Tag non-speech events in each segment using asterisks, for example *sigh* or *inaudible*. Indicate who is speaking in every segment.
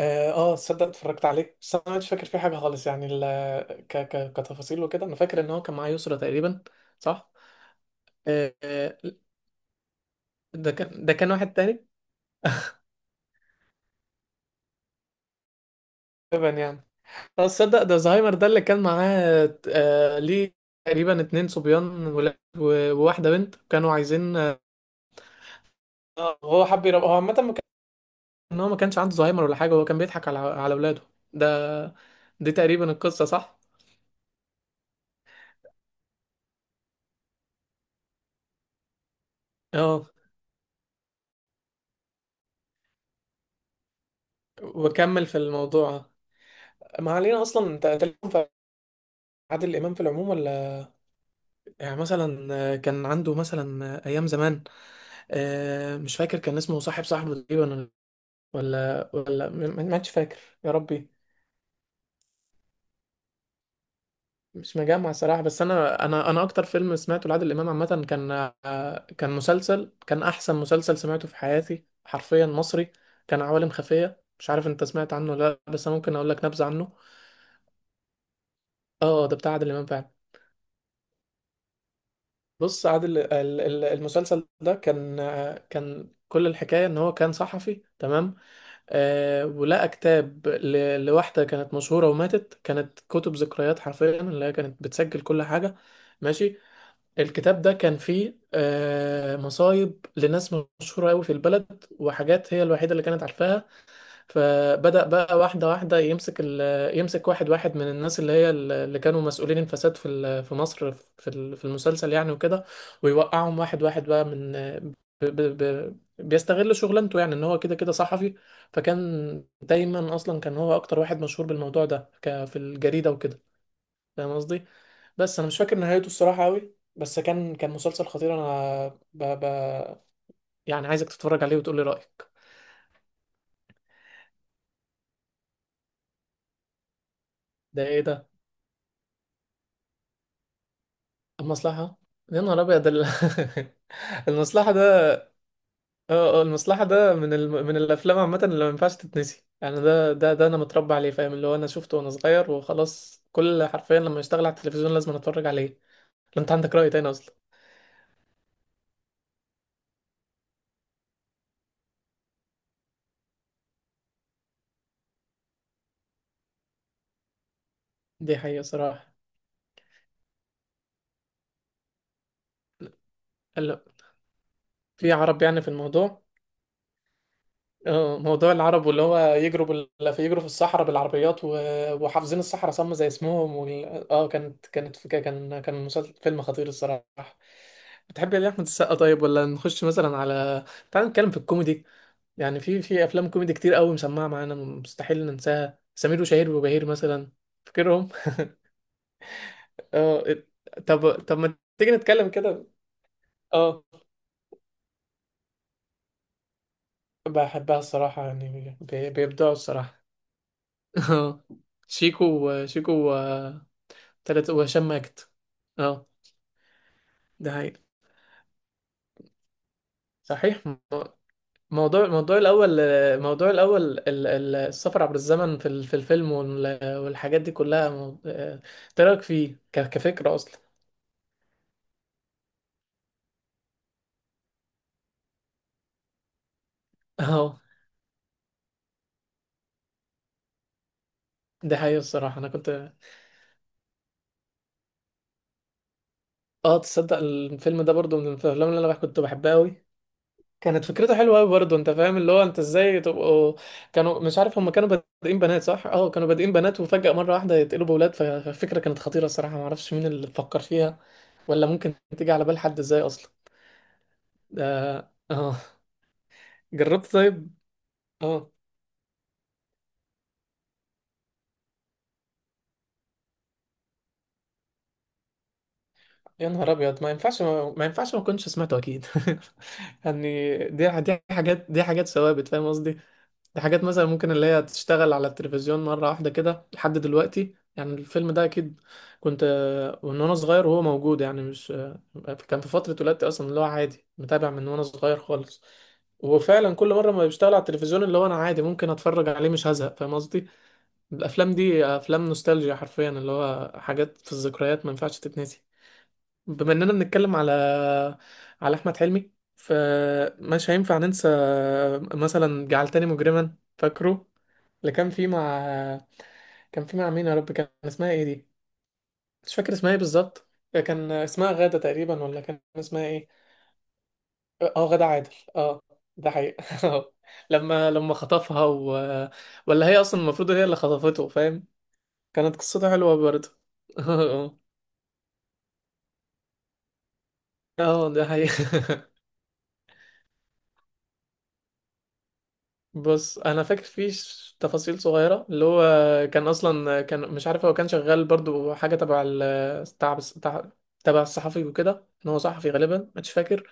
Speaker 1: اه آه، تصدق اتفرجت عليه، بس انا مش فاكر فيه حاجه خالص. يعني ال ك ك كتفاصيل وكده، انا فاكر ان هو كان معاه يسرا تقريبا، صح؟ آه، آه، ده كان واحد تاني، تقريبا يعني. اه، تصدق ده زهايمر ده اللي كان معاه. آه، ليه؟ تقريبا اتنين صبيان ولاد وواحده بنت كانوا عايزين. هو حب يرب، هو عامه ما كان ان هو ما كانش عنده زهايمر ولا حاجه، هو كان بيضحك على اولاده. ده دي تقريبا القصه، صح؟ اه، وكمل في الموضوع. ما علينا اصلا. انت عادل إمام في العموم، ولا يعني مثلا كان عنده مثلا أيام زمان؟ مش فاكر، كان اسمه صاحبه تقريبا، ولا ما عادش فاكر. يا ربي. مش مجمع صراحة، بس أنا أكتر فيلم سمعته لعادل إمام عامة، كان كان مسلسل كان أحسن مسلسل سمعته في حياتي حرفيا، مصري. كان عوالم خفية، مش عارف أنت سمعت عنه ولا لأ، بس أنا ممكن أقول لك نبذة عنه. أه، ده بتاع عادل إمام فعلا. بص، المسلسل ده كان كل الحكاية ان هو كان صحفي، تمام. ولقى كتاب لواحدة كانت مشهورة وماتت، كانت كتب ذكريات حرفيا اللي هي كانت بتسجل كل حاجة، ماشي. الكتاب ده كان فيه مصايب لناس مشهورة قوي في البلد، وحاجات هي الوحيدة اللي كانت عارفاها. فبدأ بقى واحدة واحدة يمسك واحد واحد من الناس، اللي اللي كانوا مسؤولين الفساد في في مصر، في في المسلسل يعني، وكده. ويوقعهم واحد واحد بقى، من بيستغل شغلانته، يعني ان هو كده كده صحفي. فكان دايما اصلا كان هو اكتر واحد مشهور بالموضوع ده، في الجريدة وكده، فاهم قصدي؟ بس انا مش فاكر نهايته الصراحة قوي، بس كان مسلسل خطير انا. ب... ب... يعني عايزك تتفرج عليه وتقولي رأيك. ده ايه ده؟ المصلحة. يا نهار أبيض *laughs* المصلحة ده. اه اه، المصلحة ده من من الأفلام عامة اللي ما ينفعش تتنسي. يعني ده أنا متربى عليه، فاهم؟ اللي هو أنا شفته وأنا صغير وخلاص، كل حرفيا لما يشتغل على التلفزيون لازم أتفرج عليه. لو أنت عندك رأي تاني أصلا؟ دي حقيقة صراحة. هلا، في عرب يعني في الموضوع؟ اه، موضوع العرب، واللي هو يجروا بال... في يجروا في الصحراء بالعربيات، وحافظين الصحراء صم زي اسمهم. وال... اه كانت فكرة، كان مسلسل فيلم خطير الصراحة. بتحب يا احمد السقا طيب، ولا نخش مثلا على تعال نتكلم في الكوميدي؟ يعني في افلام كوميدي كتير قوي مسمعة معانا مستحيل ننساها، سمير وشهير وبهير مثلا، فاكرهم؟ اه، طب ما تيجي نتكلم كده. اه، بحبها الصراحة، يعني بيبدعوا الصراحة. *laughs* اه، شيكو شيكو، تلاتة، وهشام ماجد. اه، ده حقيقي، صحيح. موضوع، الموضوع الأول، السفر عبر الزمن في في الفيلم، والحاجات دي كلها، إيه رأيك فيه كفكرة أصلا؟ اه، ده حقيقي الصراحة. أنا كنت اه تصدق الفيلم ده برضو من الأفلام اللي أنا كنت بحبها أوي. كانت فكرته حلوه قوي برضه، انت فاهم اللي هو انت ازاي تبقوا؟ كانوا، مش عارف، هم كانوا بادئين بنات، صح؟ اه، كانوا بادئين بنات وفجأة مره واحده يتقلبوا بولاد، فالفكره كانت خطيره الصراحه، ما اعرفش مين اللي فكر فيها، ولا ممكن تيجي على بال حد ازاي اصلا. ده، اه. جربت طيب؟ اه، يا نهار ابيض، ما ينفعش ما كنتش سمعته اكيد. *laughs* يعني دي حاجات دي حاجات ثوابت، فاهم قصدي؟ دي حاجات مثلا ممكن اللي هي تشتغل على التلفزيون مرة واحدة كده لحد دلوقتي، يعني الفيلم ده أكيد كنت، وإن أنا صغير وهو موجود، يعني مش. كان في فترة ولادتي أصلا، اللي هو عادي متابع من وأنا صغير خالص. وفعلا كل مرة ما بيشتغل على التلفزيون اللي هو أنا عادي ممكن أتفرج عليه، مش هزهق، فاهم قصدي؟ الأفلام دي أفلام نوستالجيا حرفيا، اللي هو حاجات في الذكريات ما ينفعش تتنسي. بما اننا بنتكلم على احمد حلمي، فمش هينفع ننسى مثلا جعلتني مجرما، فاكره؟ اللي كان فيه مع مين يا رب، كان اسمها ايه دي؟ مش فاكر اسمها ايه بالظبط، كان اسمها غادة تقريبا، ولا كان اسمها ايه؟ اه، غادة عادل. اه، ده حقيقي. *laughs* آه. لما خطفها ولا هي اصلا المفروض هي اللي خطفته، فاهم؟ كانت قصته حلوة برضه. *laughs* اه، اه، آه، ده حقيقي. *laughs* بص انا فاكر فيه تفاصيل صغيره، اللي هو كان اصلا، كان مش عارف هو كان شغال برضو حاجه تبع ال تبع تبع تبع الصحفي، وكده ان هو صحفي غالبا، مش فاكر.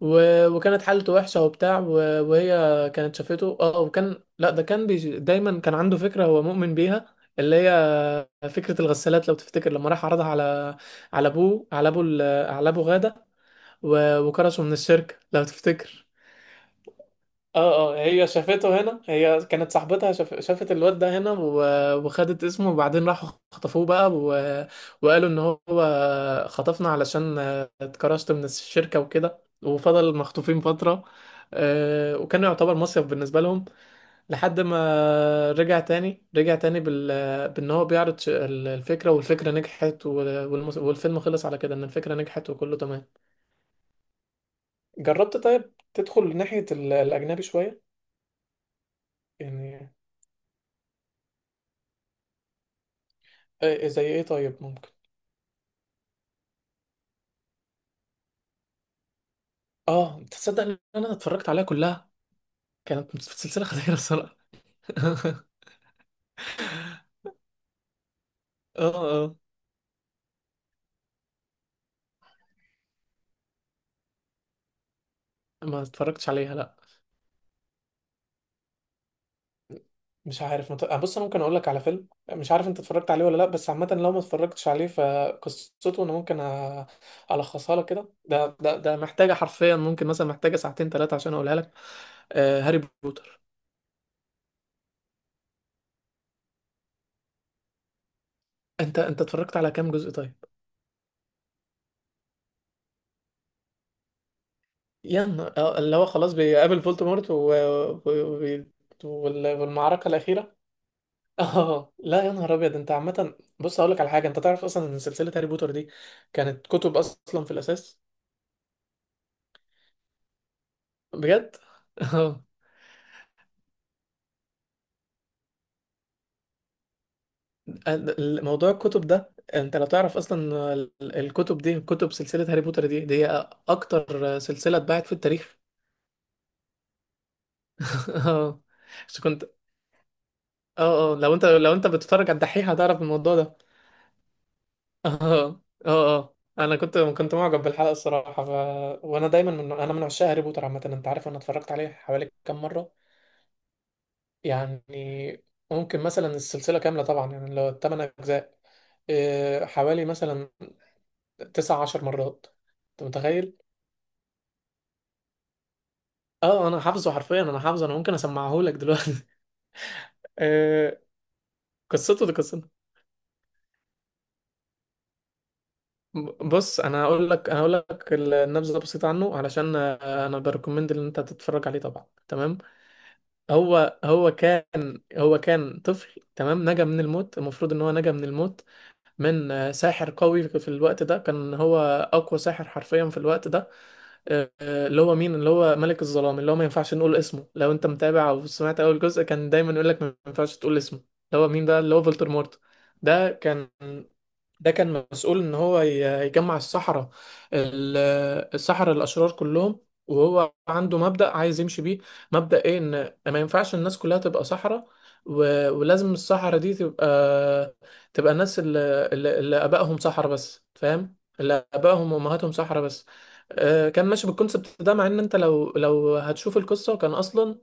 Speaker 1: وكانت حالته وحشه وبتاع، وهي كانت شافته، اه، وكان، لا ده كان دايما كان عنده فكره هو مؤمن بيها، اللي هي فكره الغسالات لو تفتكر، لما راح عرضها على ابوه، على على ابو غاده، وكرشه من الشركه لو تفتكر. اه اه، هي شافته هنا، هي كانت صاحبتها شافت الواد ده هنا، وخدت اسمه، وبعدين راحوا خطفوه بقى، وقالوا ان هو خطفنا علشان اتكرشت من الشركة وكده، وفضل مخطوفين فترة. وكان يعتبر مصيف بالنسبة لهم، لحد ما رجع تاني، رجع تاني بان هو بيعرض الفكرة، والفكرة نجحت، والفيلم خلص على كده ان الفكرة نجحت وكله تمام. جربت طيب تدخل ناحية الأجنبي شوية؟ يعني إيه زي ايه طيب ممكن؟ اه، انت تصدق ان انا اتفرجت عليها كلها؟ كانت في سلسله خطيره الصراحه. *laughs* اه اه. ما اتفرجتش عليها، لا. مش عارف، مت... آه، بص انا ممكن اقول لك على فيلم، مش عارف انت اتفرجت عليه ولا لا، بس عامه لو ما اتفرجتش عليه فقصته انا ممكن الخصها لك كده. ده محتاجه حرفيا، ممكن مثلا محتاجه ساعتين ثلاثه عشان اقولها لك. هاري بوتر. انت اتفرجت على كام جزء طيب؟ يعني اللي هو خلاص بيقابل فولدمورت، والمعركه الاخيره. اه، لا، يا نهار ابيض، انت عامه، بص اقول لك على حاجه، انت تعرف اصلا ان سلسله هاري بوتر دي كانت كتب اصلا في الاساس؟ بجد. *laughs* اه، موضوع الكتب ده، انت لو تعرف اصلا الكتب دي، كتب سلسله هاري بوتر دي، دي اكتر سلسله اتباعت في التاريخ. *laughs* اه، بس كنت. اه اه، لو انت بتتفرج على الدحيح هتعرف الموضوع ده. *laughs* اه اه اه اه. انا كنت معجب بالحلقه الصراحه. وانا دايما، انا من عشاق هاري بوتر عامه، انت عارف انا اتفرجت عليه حوالي كام مره؟ يعني ممكن مثلا السلسلة كاملة طبعا، يعني لو 8 أجزاء، إيه، حوالي مثلا 19 مرات، أنت متخيل؟ اه، أنا حافظه حرفيا، أنا حافظه، أنا ممكن أسمعه لك دلوقتي. *laughs* إيه، قصته. بص أنا هقول لك، النبذة بسيطة عنه، علشان أنا بريكومند إن أنت تتفرج عليه طبعا، تمام. هو كان طفل، تمام، نجا من الموت. المفروض إن هو نجا من الموت من ساحر قوي في الوقت ده، كان هو أقوى ساحر حرفيا في الوقت ده. اللي هو مين؟ اللي هو ملك الظلام، اللي هو ما ينفعش نقول اسمه. لو انت متابع او سمعت اول جزء كان دايما يقول لك ما ينفعش تقول اسمه. اللي هو مين ده؟ اللي هو فولتر مورت. ده كان ده كان مسؤول ان هو يجمع السحرة، ال- السحرة الاشرار كلهم. وهو عنده مبدأ عايز يمشي بيه، مبدأ ايه؟ ان ما ينفعش الناس كلها تبقى سحرة، ولازم السحرة دي تبقى، تبقى الناس اللي ابائهم سحرة بس، فاهم؟ اللي ابائهم وامهاتهم سحرة بس. كان ماشي بالكونسبت ده، مع ان انت لو هتشوف القصة كان اصلا،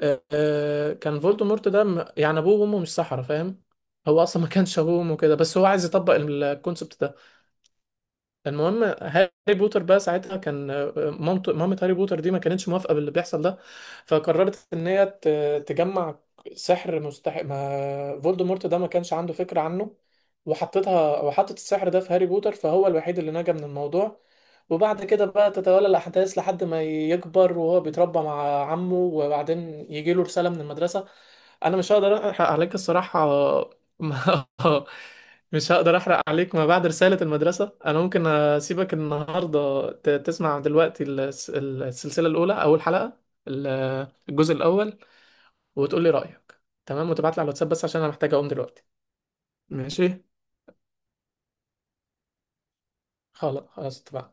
Speaker 1: كان فولدمورت ده، يعني ابوه وامه مش سحرة، فاهم؟ هو اصلا ما كانش ابوه وامه كده، بس هو عايز يطبق الكونسبت ده. المهم هاري بوتر بقى ساعتها كان، مامة هاري بوتر دي ما كانتش موافقة باللي بيحصل ده، فقررت ان هي تجمع سحر مستحق ما فولدمورت ده ما كانش عنده فكرة عنه، وحطت السحر ده في هاري بوتر، فهو الوحيد اللي نجا من الموضوع. وبعد كده بقى تتولى الأحداث لحد ما يكبر وهو بيتربى مع عمه، وبعدين يجيله رسالة من المدرسة. أنا مش هقدر أحرق عليك الصراحة. *laughs* ما- مش هقدر احرق عليك. ما بعد رسالة المدرسة انا ممكن اسيبك النهاردة تسمع دلوقتي السلسلة الاولى، اول حلقة، الجزء الاول، وتقول لي رأيك تمام، وتبعت لي على الواتساب بس عشان انا محتاج اقوم دلوقتي. ماشي، خلاص خلاص اتفقنا.